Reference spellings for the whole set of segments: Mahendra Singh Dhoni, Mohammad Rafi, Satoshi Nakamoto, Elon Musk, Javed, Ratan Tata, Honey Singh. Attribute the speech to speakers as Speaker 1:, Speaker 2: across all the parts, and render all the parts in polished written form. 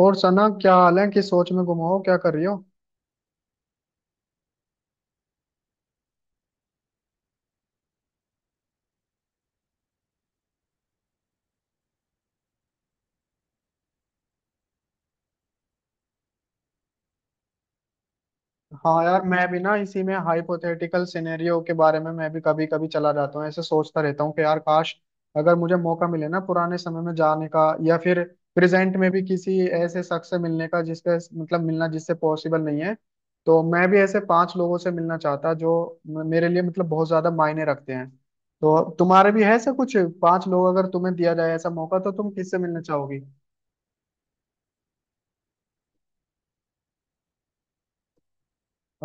Speaker 1: और सना क्या हाल है? किस सोच में गुम हो? क्या कर रही हो? हाँ यार, मैं भी ना इसी में हाइपोथेटिकल सिनेरियो के बारे में मैं भी कभी कभी चला जाता हूँ, ऐसे सोचता रहता हूँ कि यार काश अगर मुझे मौका मिले ना पुराने समय में जाने का, या फिर प्रेजेंट में भी किसी ऐसे शख्स से मिलने का जिसके मतलब मिलना जिससे पॉसिबल नहीं है। तो मैं भी ऐसे पांच लोगों से मिलना चाहता जो मेरे लिए मतलब बहुत ज्यादा मायने रखते हैं। तो तुम्हारे भी है ऐसा कुछ? पांच लोग अगर तुम्हें दिया जाए ऐसा मौका तो तुम किससे मिलना चाहोगी?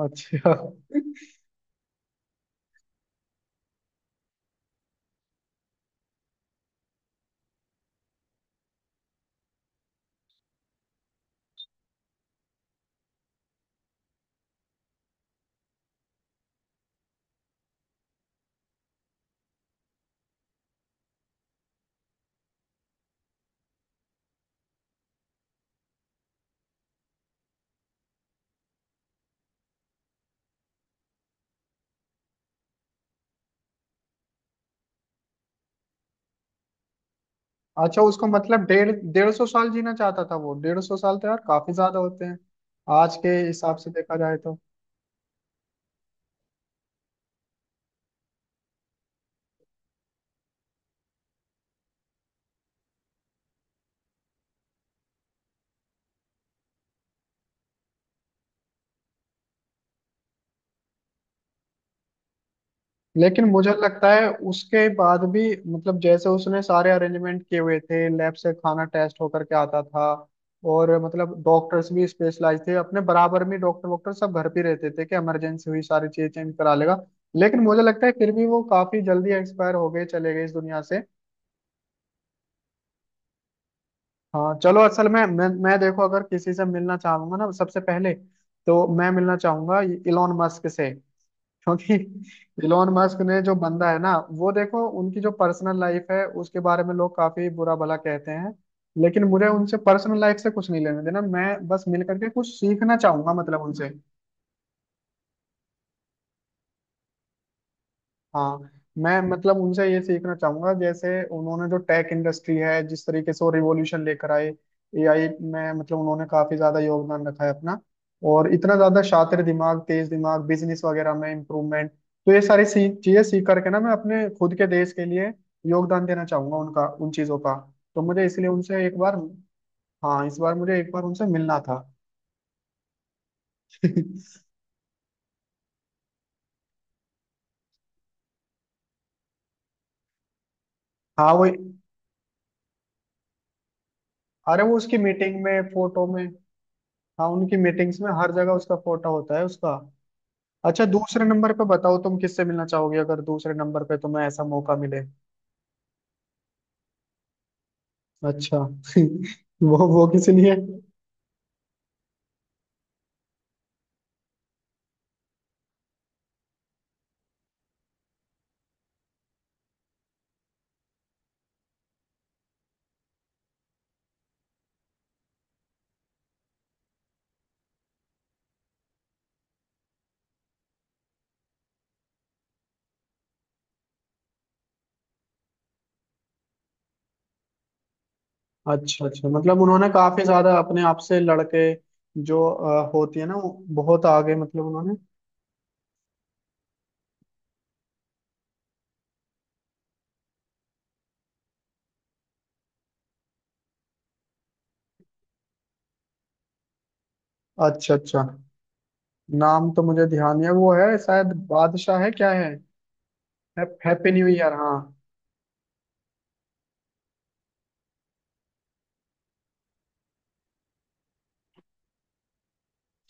Speaker 1: अच्छा। अच्छा, उसको मतलब डेढ़ डेढ़ सौ साल जीना चाहता था वो? डेढ़ सौ साल तो यार काफी ज्यादा होते हैं। आज के हिसाब से देखा जाए तो। लेकिन मुझे लगता है उसके बाद भी मतलब जैसे उसने सारे अरेंजमेंट किए हुए थे, लैब से खाना टेस्ट होकर के आता था। और मतलब डॉक्टर्स भी स्पेशलाइज थे, अपने बराबर में डॉक्टर वॉक्टर सब घर पे रहते थे कि इमरजेंसी हुई सारी चीजें चेंज करा लेगा। लेकिन मुझे लगता है फिर भी वो काफी जल्दी एक्सपायर हो गए, चले गए इस दुनिया से। हाँ चलो, असल में मैं देखो अगर किसी से मिलना चाहूंगा ना सबसे पहले, तो मैं मिलना चाहूंगा इलोन मस्क से, क्योंकि इलोन मस्क ने, जो बंदा है ना वो, देखो उनकी जो पर्सनल लाइफ है उसके बारे में लोग काफी बुरा भला कहते हैं, लेकिन मुझे उनसे पर्सनल लाइफ से कुछ नहीं लेना देना। मैं बस मिल करके कुछ सीखना चाहूंगा मतलब उनसे। हाँ, मैं मतलब उनसे ये सीखना चाहूंगा, जैसे उन्होंने जो टेक इंडस्ट्री है जिस तरीके से वो रिवॉल्यूशन लेकर आए, एआई में मतलब उन्होंने काफी ज्यादा योगदान रखा है अपना। और इतना ज्यादा शातिर दिमाग, तेज दिमाग, बिजनेस वगैरह में इम्प्रूवमेंट, तो ये सारी सी चीजें सीख करके ना मैं अपने खुद के देश के लिए योगदान देना चाहूंगा उनका, उन चीजों का। तो मुझे इसलिए उनसे एक बार, हाँ इस बार मुझे एक बार उनसे मिलना था। हाँ वो, अरे वो उसकी मीटिंग में फोटो में, हाँ उनकी मीटिंग्स में हर जगह उसका फोटो होता है, उसका। अच्छा, दूसरे नंबर पे बताओ तुम किससे मिलना चाहोगे? अगर दूसरे नंबर पे तुम्हें ऐसा मौका मिले। अच्छा। वो किस लिए? अच्छा अच्छा, मतलब उन्होंने काफी ज्यादा अपने आप से लड़के जो होती है ना वो, बहुत आगे मतलब उन्होंने। अच्छा अच्छा। नाम तो मुझे ध्यान नहीं है वो, है शायद बादशाह है, क्या है? हैप्पी न्यू ईयर, हाँ।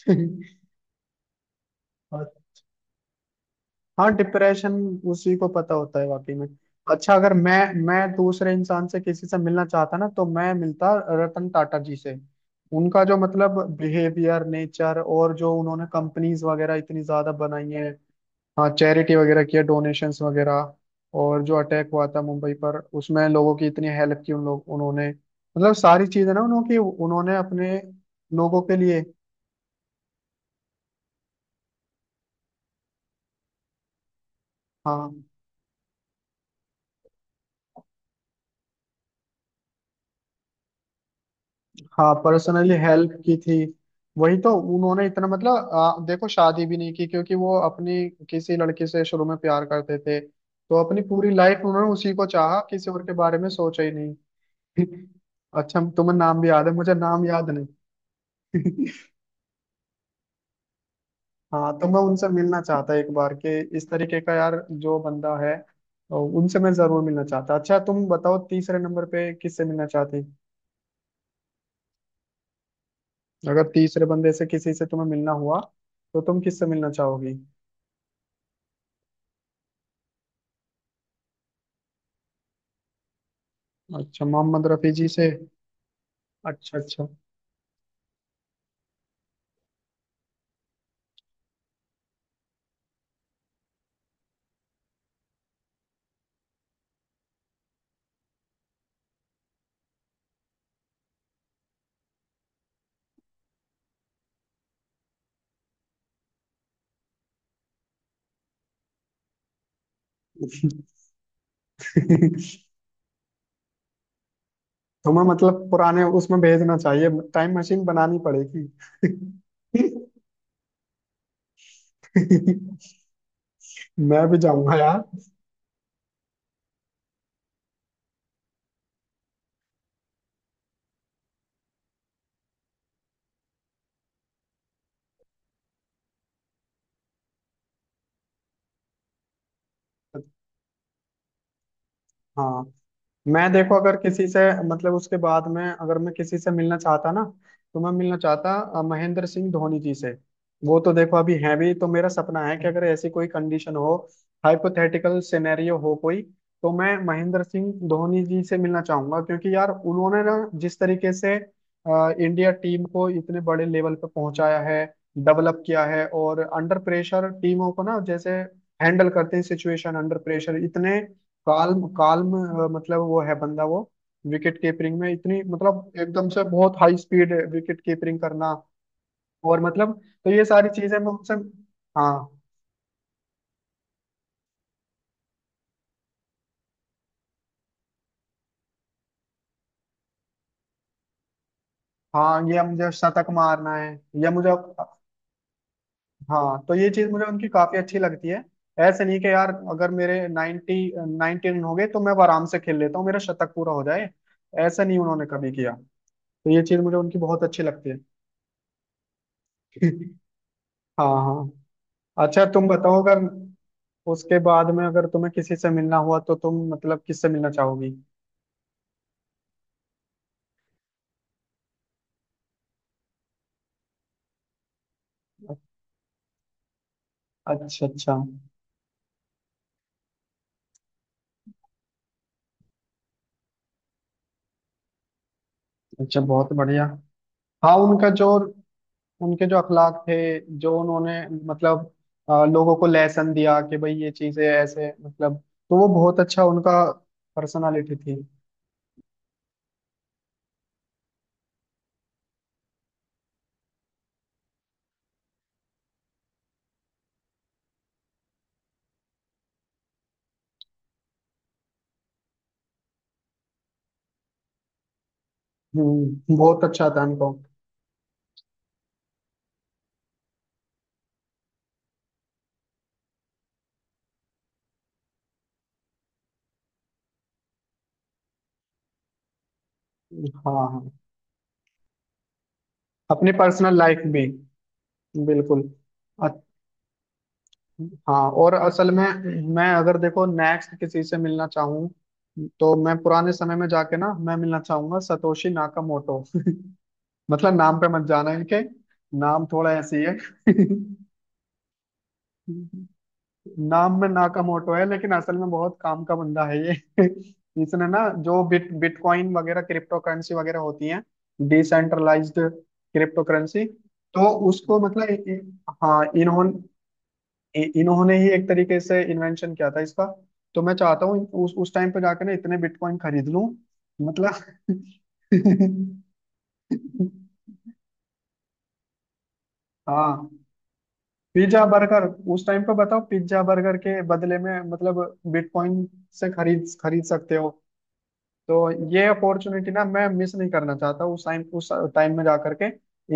Speaker 1: अच्छा। हाँ, डिप्रेशन उसी को पता होता है वाकई में। अच्छा, अगर मैं, मैं दूसरे इंसान से किसी से मिलना चाहता ना, तो मैं मिलता रतन टाटा जी से। उनका जो मतलब बिहेवियर, नेचर, और जो उन्होंने कंपनीज वगैरह इतनी ज्यादा बनाई है। हाँ चैरिटी वगैरह किया, डोनेशंस वगैरह। और जो अटैक हुआ था मुंबई पर, उसमें लोगों की इतनी हेल्प की उन लोग, उन्होंने मतलब सारी चीजें ना उन्होंने उन्होंने अपने लोगों के लिए। हाँ हाँ, पर्सनली हेल्प की थी। वही तो। उन्होंने इतना मतलब देखो शादी भी नहीं की क्योंकि वो अपनी किसी लड़की से शुरू में प्यार करते थे, तो अपनी पूरी लाइफ उन्होंने उसी को चाहा, किसी और के बारे में सोचा ही नहीं। अच्छा, तुम्हें नाम भी याद है? मुझे नाम याद नहीं। हाँ तो मैं उनसे मिलना चाहता एक बार के, इस तरीके का यार जो बंदा है, तो उनसे मैं जरूर मिलना चाहता। अच्छा, तुम बताओ तीसरे नंबर पे किससे मिलना चाहती? अगर तीसरे बंदे से किसी से तुम्हें मिलना हुआ तो तुम किससे मिलना चाहोगी? अच्छा, मोहम्मद रफी जी से। अच्छा अच्छा। तुम्हें मतलब पुराने उसमें भेजना चाहिए। टाइम मशीन बनानी पड़ेगी। मैं भी जाऊंगा यार। हाँ, मैं देखो अगर किसी से मतलब उसके बाद में अगर मैं किसी से मिलना चाहता ना, तो मैं मिलना चाहता महेंद्र सिंह धोनी जी से। वो तो देखो अभी हैं भी, तो मेरा सपना है कि अगर ऐसी कोई कंडीशन हो, हाइपोथेटिकल सिनेरियो हो कोई, तो मैं महेंद्र सिंह धोनी जी से मिलना चाहूंगा। क्योंकि यार उन्होंने ना, जिस तरीके से इंडिया टीम को इतने बड़े लेवल पे पहुंचाया है, डेवलप किया है, और अंडर प्रेशर टीमों को ना जैसे हैंडल करते हैं, सिचुएशन अंडर प्रेशर इतने काल्म काल्म, मतलब वो है बंदा वो। विकेट कीपरिंग में इतनी मतलब एकदम से बहुत हाई स्पीड विकेट कीपरिंग करना, और मतलब, तो ये सारी चीजें मैं उनसे। हाँ हाँ, ये मुझे शतक मारना है, या मुझे। हाँ तो ये चीज मुझे उनकी काफी अच्छी लगती है। ऐसे नहीं कि यार अगर मेरे 90 नाइनटी रन हो गए तो मैं अब आराम से खेल लेता हूँ, मेरा शतक पूरा हो जाए। ऐसा नहीं उन्होंने कभी किया। तो ये चीज मुझे उनकी बहुत अच्छी लगती है। हाँ हाँ। अच्छा तुम बताओ, अगर उसके बाद में अगर तुम्हें किसी से मिलना हुआ तो तुम मतलब किससे मिलना चाहोगी? अच्छा अच्छा। अच्छा बहुत बढ़िया। हाँ उनका जो, उनके जो अखलाक थे, जो उन्होंने मतलब लोगों को लेसन दिया कि भाई ये चीजें ऐसे मतलब, तो वो बहुत अच्छा उनका पर्सनालिटी थी। हम्म, बहुत अच्छा था उनको। हाँ हाँ, अपनी पर्सनल लाइफ भी। बिल्कुल। हाँ और असल में मैं अगर देखो नेक्स्ट किसी से मिलना चाहूँ, तो मैं पुराने समय में जाके ना मैं मिलना चाहूंगा सतोशी नाकामोटो। मतलब नाम पे मत जाना इनके, नाम थोड़ा ऐसे ही है। नाम में नाकामोटो है लेकिन असल में बहुत काम का बंदा है ये। इसने ना जो बिटकॉइन वगैरह, क्रिप्टो करेंसी वगैरह होती है, डिसेंट्रलाइज्ड क्रिप्टो करेंसी, तो उसको मतलब हाँ इन्होंने, इन्होंने ही एक तरीके से इन्वेंशन किया था इसका। तो मैं चाहता हूँ उस टाइम पे जाकर ना इतने बिटकॉइन खरीद लूं, मतलब। हाँ, पिज्जा बर्गर, उस टाइम पे बताओ, पिज्जा बर्गर के बदले में मतलब बिटकॉइन से खरीद खरीद सकते हो। तो ये अपॉर्चुनिटी ना मैं मिस नहीं करना चाहता, उस टाइम में जाकर के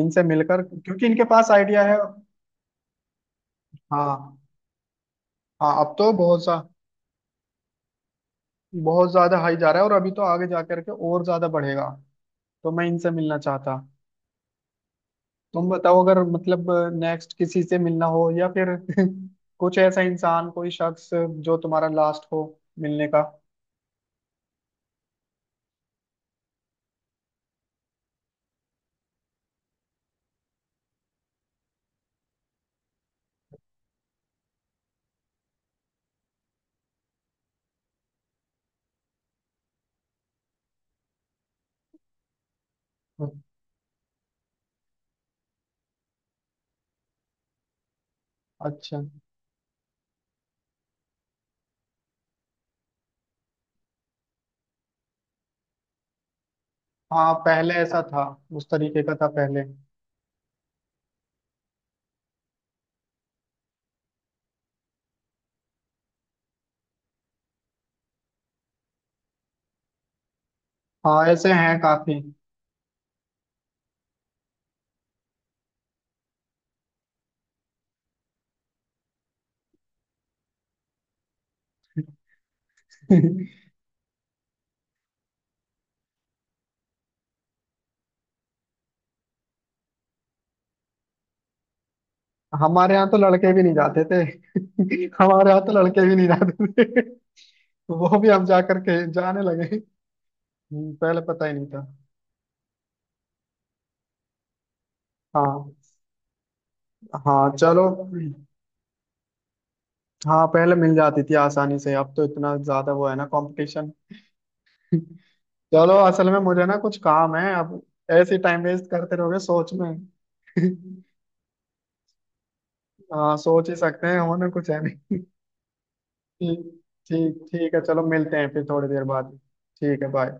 Speaker 1: इनसे मिलकर, क्योंकि इनके पास आइडिया है। हाँ हाँ, अब तो बहुत सा, बहुत ज्यादा हाई जा रहा है, और अभी तो आगे जा करके और ज्यादा बढ़ेगा। तो मैं इनसे मिलना चाहता। तुम बताओ अगर मतलब नेक्स्ट किसी से मिलना हो, या फिर कुछ ऐसा इंसान, कोई शख्स जो तुम्हारा लास्ट हो मिलने का। अच्छा। हाँ पहले ऐसा था, उस तरीके का था पहले। हाँ, ऐसे हैं काफी। हमारे यहाँ तो लड़के भी नहीं जाते थे। हमारे यहाँ तो लड़के भी नहीं जाते थे। वो भी हम जा करके जाने लगे। पहले पता ही नहीं था। हाँ। हाँ चलो, हाँ पहले मिल जाती थी आसानी से, अब तो इतना ज्यादा वो है ना कंपटीशन। चलो, असल में मुझे ना कुछ काम है अब। ऐसे टाइम वेस्ट करते रहोगे सोच में। हाँ सोच ही सकते हैं, होना कुछ है नहीं। ठीक, ठीक है चलो, मिलते हैं फिर थोड़ी देर बाद। ठीक है, बाय।